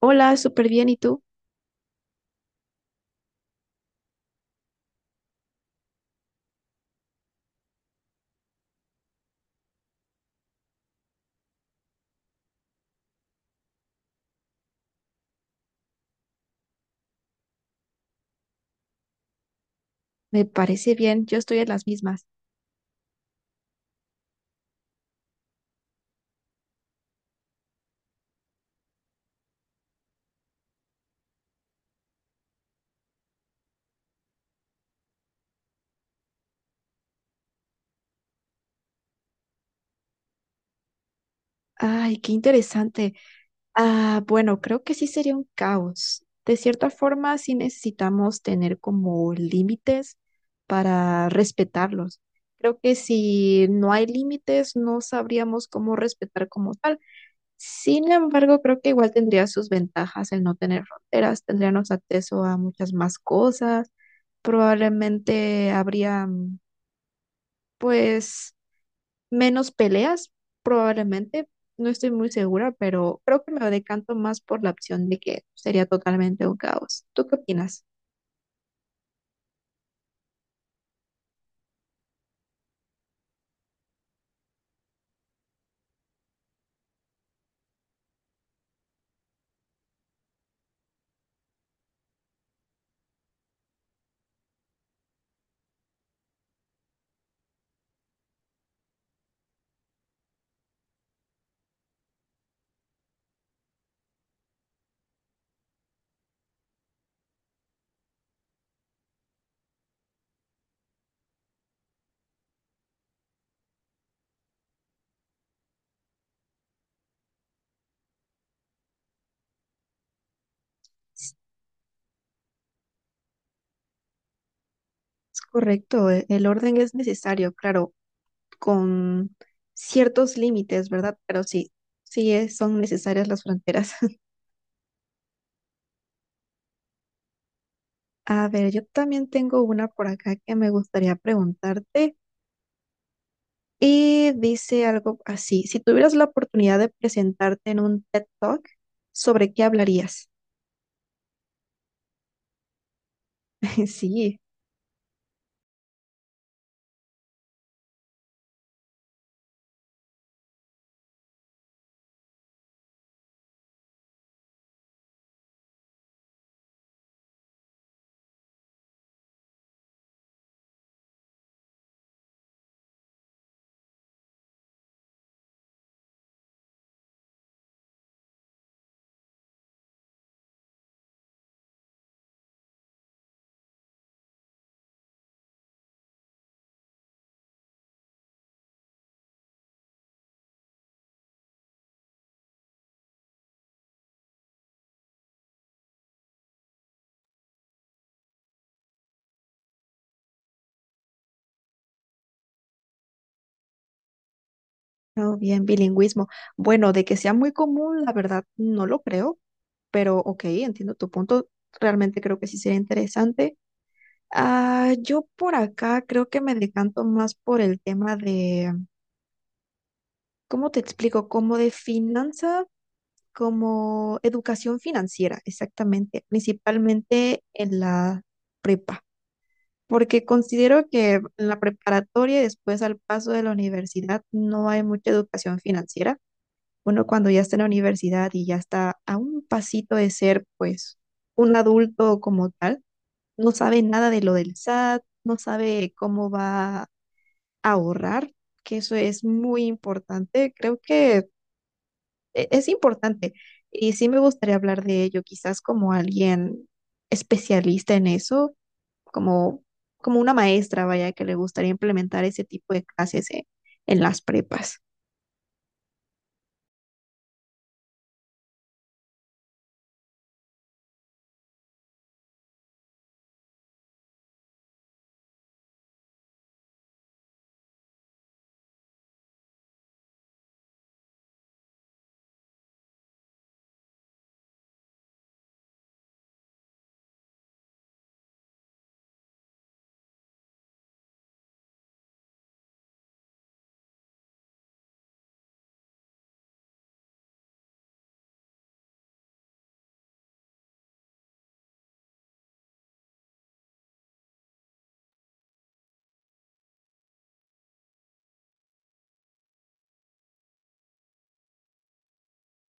Hola, súper bien. ¿Y tú? Me parece bien. Yo estoy en las mismas. Ay, qué interesante. Ah, bueno, creo que sí sería un caos. De cierta forma, sí necesitamos tener como límites para respetarlos. Creo que si no hay límites, no sabríamos cómo respetar como tal. Sin embargo, creo que igual tendría sus ventajas el no tener fronteras. Tendríamos acceso a muchas más cosas. Probablemente habría, pues, menos peleas, probablemente. No estoy muy segura, pero creo que me decanto más por la opción de que sería totalmente un caos. ¿Tú qué opinas? Es correcto, el orden es necesario, claro, con ciertos límites, ¿verdad? Pero sí, son necesarias las fronteras. A ver, yo también tengo una por acá que me gustaría preguntarte y dice algo así, si tuvieras la oportunidad de presentarte en un TED Talk, ¿sobre qué hablarías? Sí. Oh, bien, bilingüismo. Bueno, de que sea muy común, la verdad no lo creo, pero ok, entiendo tu punto. Realmente creo que sí sería interesante. Ah, yo por acá creo que me decanto más por el tema de, ¿cómo te explico? Como de finanza, como educación financiera, exactamente, principalmente en la prepa, porque considero que en la preparatoria y después al paso de la universidad no hay mucha educación financiera, uno cuando ya está en la universidad y ya está a un pasito de ser, pues, un adulto como tal, no sabe nada de lo del SAT, no sabe cómo va a ahorrar, que eso es muy importante. Creo que es importante y sí me gustaría hablar de ello, quizás como alguien especialista en eso, como, como una maestra, vaya, que le gustaría implementar ese tipo de clases en las prepas.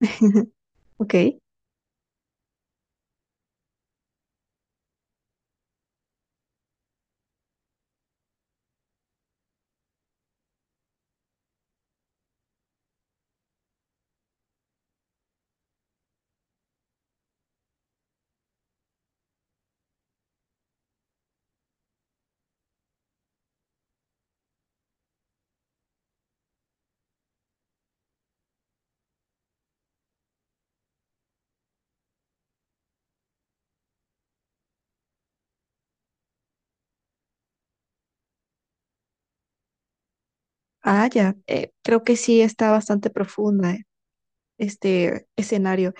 Ok. Ah, ya. Creo que sí está bastante profunda, este escenario.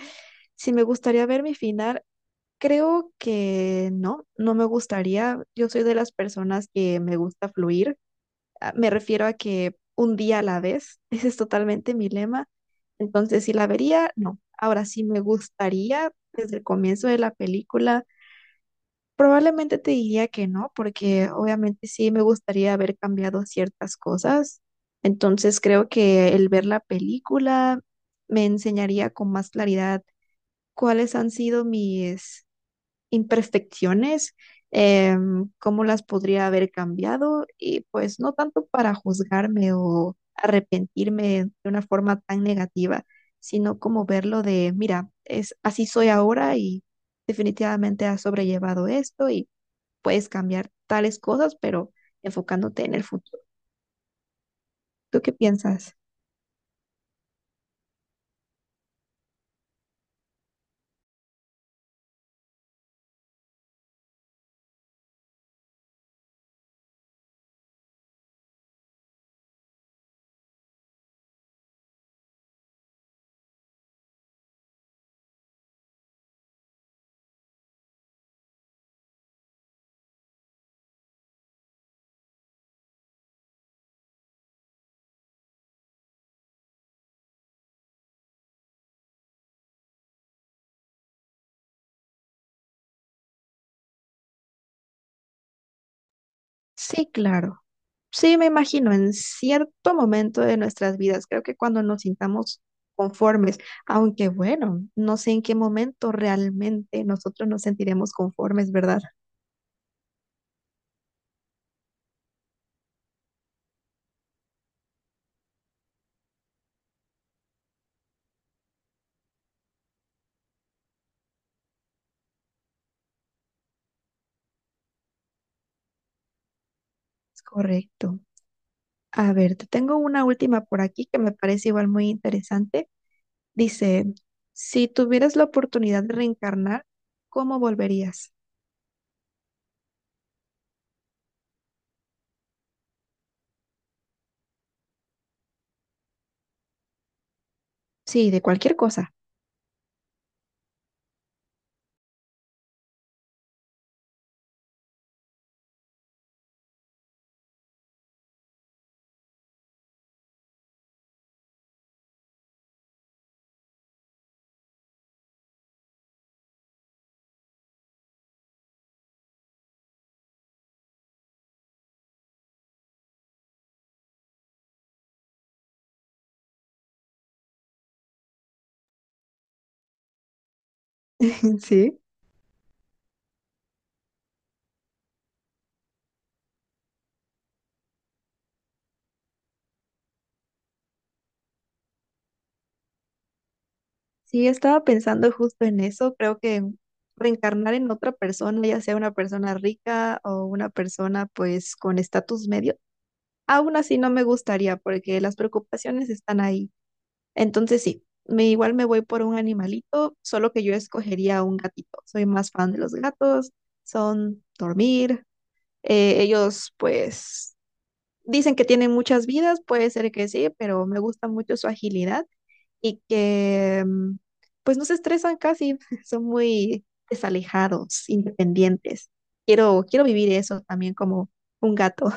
Si me gustaría ver mi final, creo que no, no me gustaría. Yo soy de las personas que me gusta fluir. Me refiero a que un día a la vez. Ese es totalmente mi lema. Entonces, si la vería, no. Ahora sí me gustaría desde el comienzo de la película. Probablemente te diría que no, porque obviamente sí me gustaría haber cambiado ciertas cosas. Entonces creo que el ver la película me enseñaría con más claridad cuáles han sido mis imperfecciones, cómo las podría haber cambiado y pues no tanto para juzgarme o arrepentirme de una forma tan negativa, sino como verlo de, mira, es así soy ahora y definitivamente has sobrellevado esto y puedes cambiar tales cosas, pero enfocándote en el futuro. ¿Tú qué piensas? Sí, claro. Sí, me imagino, en cierto momento de nuestras vidas, creo que cuando nos sintamos conformes, aunque bueno, no sé en qué momento realmente nosotros nos sentiremos conformes, ¿verdad? Es correcto. A ver, te tengo una última por aquí que me parece igual muy interesante. Dice, si tuvieras la oportunidad de reencarnar, ¿cómo volverías? Sí, de cualquier cosa. Sí. Sí, estaba pensando justo en eso. Creo que reencarnar en otra persona, ya sea una persona rica o una persona pues con estatus medio, aún así no me gustaría porque las preocupaciones están ahí. Entonces sí, me igual me voy por un animalito, solo que yo escogería un gatito. Soy más fan de los gatos, son dormir. Ellos pues dicen que tienen muchas vidas, puede ser que sí, pero me gusta mucho su agilidad y que pues no se estresan casi, son muy desalejados, independientes. Quiero vivir eso también como un gato.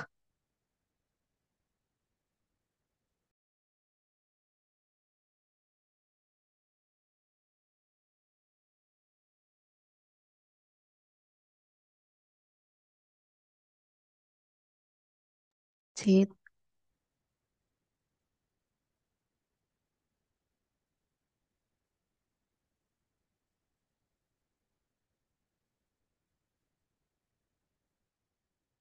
Sí,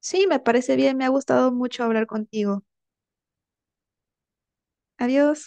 sí, me parece bien, me ha gustado mucho hablar contigo. Adiós.